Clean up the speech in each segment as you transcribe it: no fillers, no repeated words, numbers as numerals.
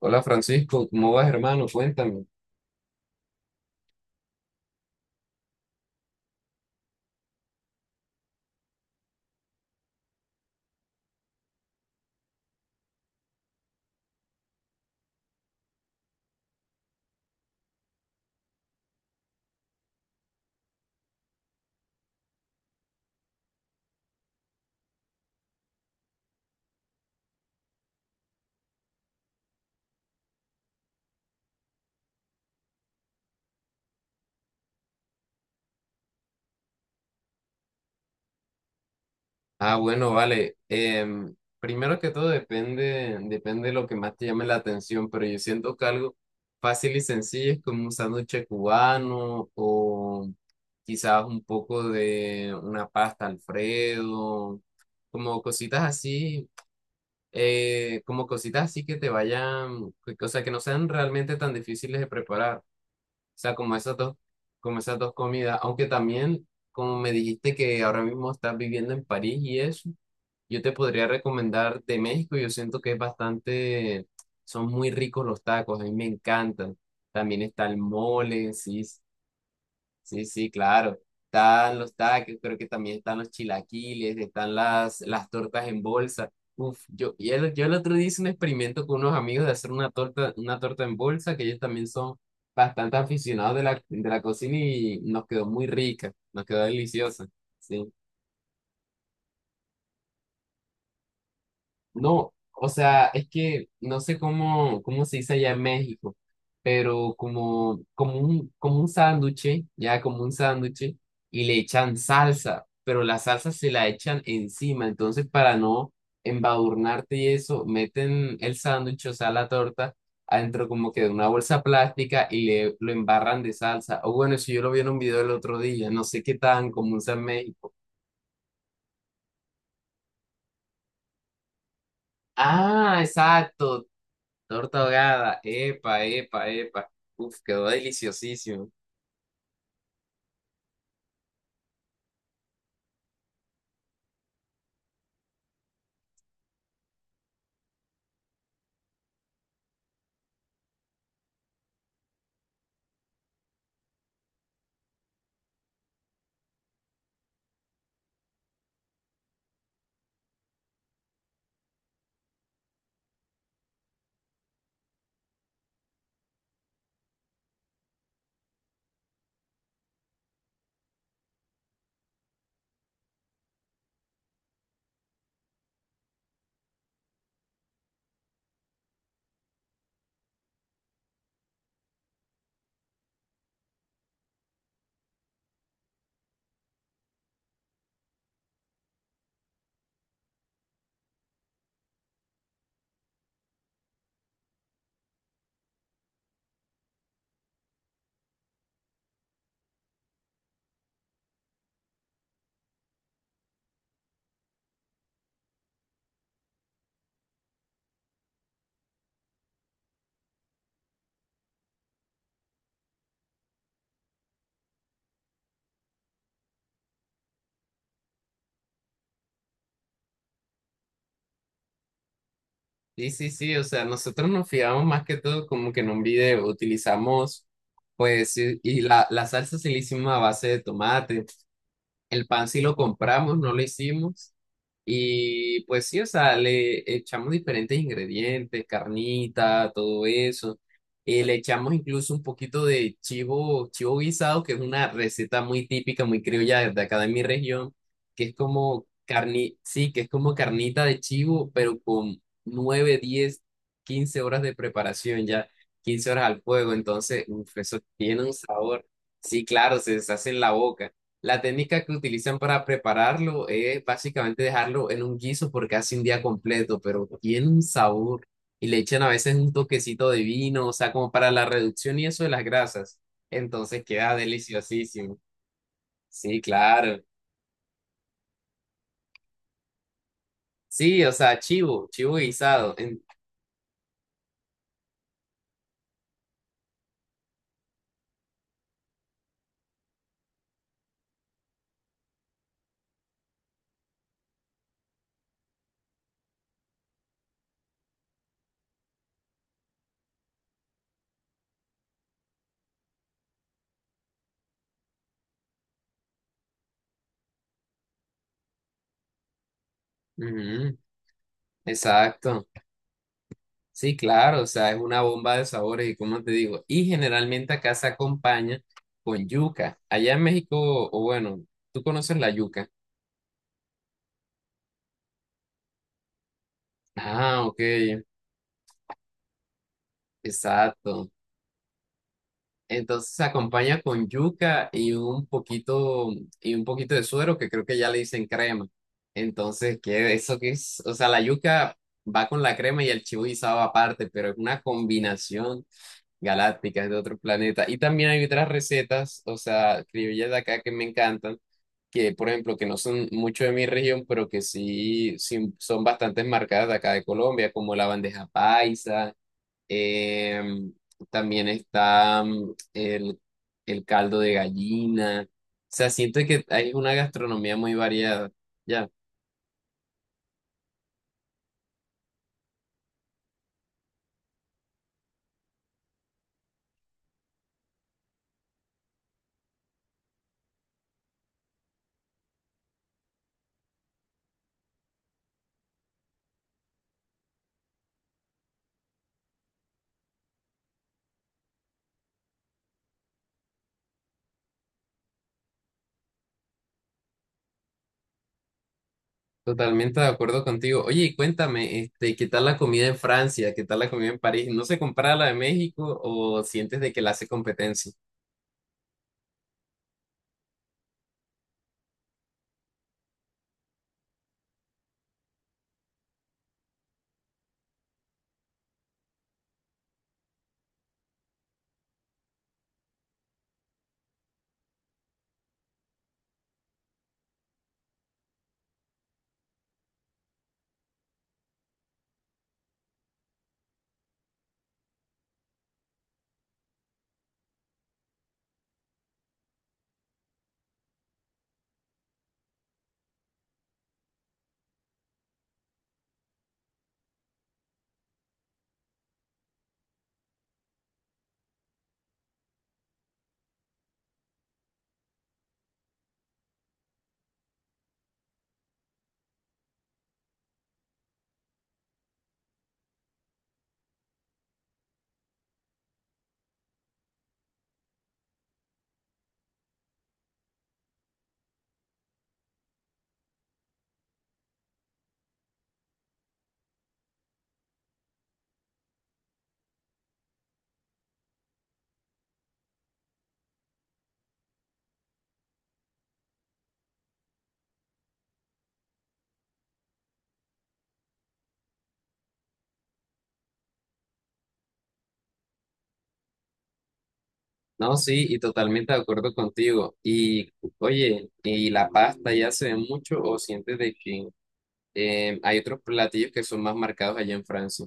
Hola Francisco, ¿cómo vas, hermano? Cuéntame. Ah, bueno, vale. Primero que todo, depende, depende de lo que más te llame la atención, pero yo siento que algo fácil y sencillo es como un sándwich cubano, o quizás un poco de una pasta Alfredo, como cositas así, como cositas así, que te vayan, o sea, que no sean realmente tan difíciles de preparar. Sea, como esas dos comidas, aunque también, como me dijiste que ahora mismo estás viviendo en París y eso, yo te podría recomendar de México. Yo siento que es bastante, son muy ricos los tacos, a mí me encantan. También está el mole, sí. Sí, sí, claro. Están los taques, creo que también están los chilaquiles, están las tortas en bolsa. Uf, yo el otro día hice un experimento con unos amigos de hacer una torta en bolsa. Que ellos también son bastante aficionados de la cocina y nos quedó muy rica, nos quedó deliciosa. Sí. No, o sea, es que no sé cómo, cómo se dice allá en México, pero como, como un sándwich, ya como un sándwich, y le echan salsa, pero la salsa se la echan encima. Entonces, para no embadurnarte y eso, meten el sándwich, o sea, la torta, adentro como que de una bolsa plástica y lo embarran de salsa. O bueno, eso yo lo vi en un video el otro día, no sé qué tan común sea en México. Ah, exacto. Torta ahogada, epa, epa, epa. Uf, quedó deliciosísimo. Sí, sí, sí, o sea, nosotros nos fijamos más que todo como que en un video utilizamos, pues, la salsa sí la hicimos a base de tomate, el pan sí lo compramos, no lo hicimos. Y pues sí, o sea, le echamos diferentes ingredientes, carnita, todo eso. Le echamos incluso un poquito de chivo, chivo guisado, que es una receta muy típica, muy criolla de acá de mi región, que es como que es como carnita de chivo, pero con 9 10 15 horas de preparación ya, quince horas al fuego. Entonces, uf, eso tiene un sabor. Sí, claro, se deshace en la boca. La técnica que utilizan para prepararlo es básicamente dejarlo en un guiso por casi un día completo, pero tiene un sabor. Y le echan a veces un toquecito de vino, o sea, como para la reducción y eso de las grasas. Entonces queda deliciosísimo. Sí, claro. Sí, o sea, chivo, chivo guisado. En- ujú, exacto. Sí, claro, o sea, es una bomba de sabores, y como te digo, y generalmente acá se acompaña con yuca. Allá en México, o bueno, tú conoces la yuca. Ah, ok, exacto. Entonces se acompaña con yuca y un poquito de suero, que creo que ya le dicen crema. Entonces, ¿qué, eso qué es? O sea, la yuca va con la crema y el chivo guisado aparte, pero es una combinación galácticas de otro planeta. Y también hay otras recetas, o sea, criollas de acá que me encantan, que por ejemplo, que no son mucho de mi región, pero que sí, sí son bastante marcadas de acá de Colombia, como la bandeja paisa, em, también está el caldo de gallina. O sea, siento que hay una gastronomía muy variada. Ya. Totalmente de acuerdo contigo. Oye, y cuéntame, este, ¿qué tal la comida en Francia? ¿Qué tal la comida en París? ¿No se compara a la de México, o sientes de que la hace competencia? No, sí, y totalmente de acuerdo contigo. Y oye, ¿y la pasta ya se ve mucho, o sientes de que hay otros platillos que son más marcados allá en Francia?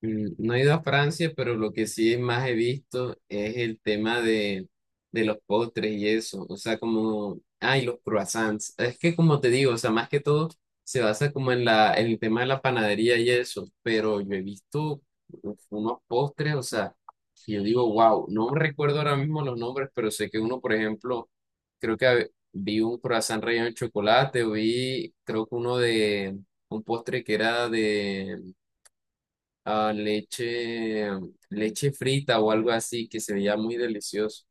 Mm, no he ido a Francia, pero lo que sí más he visto es el tema de los postres y eso. O sea, como, ay, los croissants. Es que como te digo, o sea, más que todo se basa como en en el tema de la panadería y eso. Pero yo he visto uf, unos postres, o sea, que yo digo, wow, no recuerdo ahora mismo los nombres, pero sé que uno, por ejemplo, creo que vi un croissant relleno de chocolate, o vi, creo que uno de, un postre que era de leche, leche frita o algo así, que se veía muy delicioso.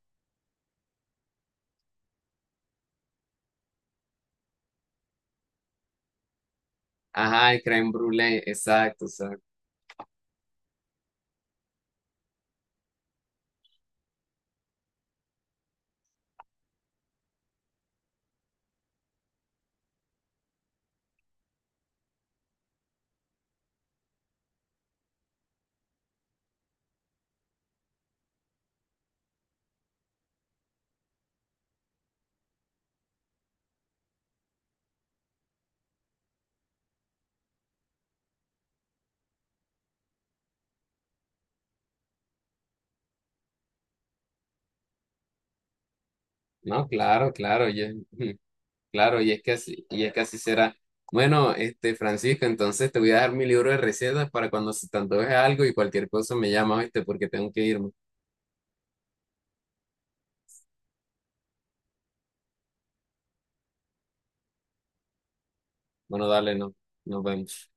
Ajá, el crème brûlée, exacto, exacto. No, claro, claro, claro, y es que así, y es que así será. Bueno, este, Francisco, entonces te voy a dar mi libro de recetas para cuando se te antoje algo, y cualquier cosa me llamas, ¿viste? Porque tengo que irme. Bueno, dale, no, nos vemos.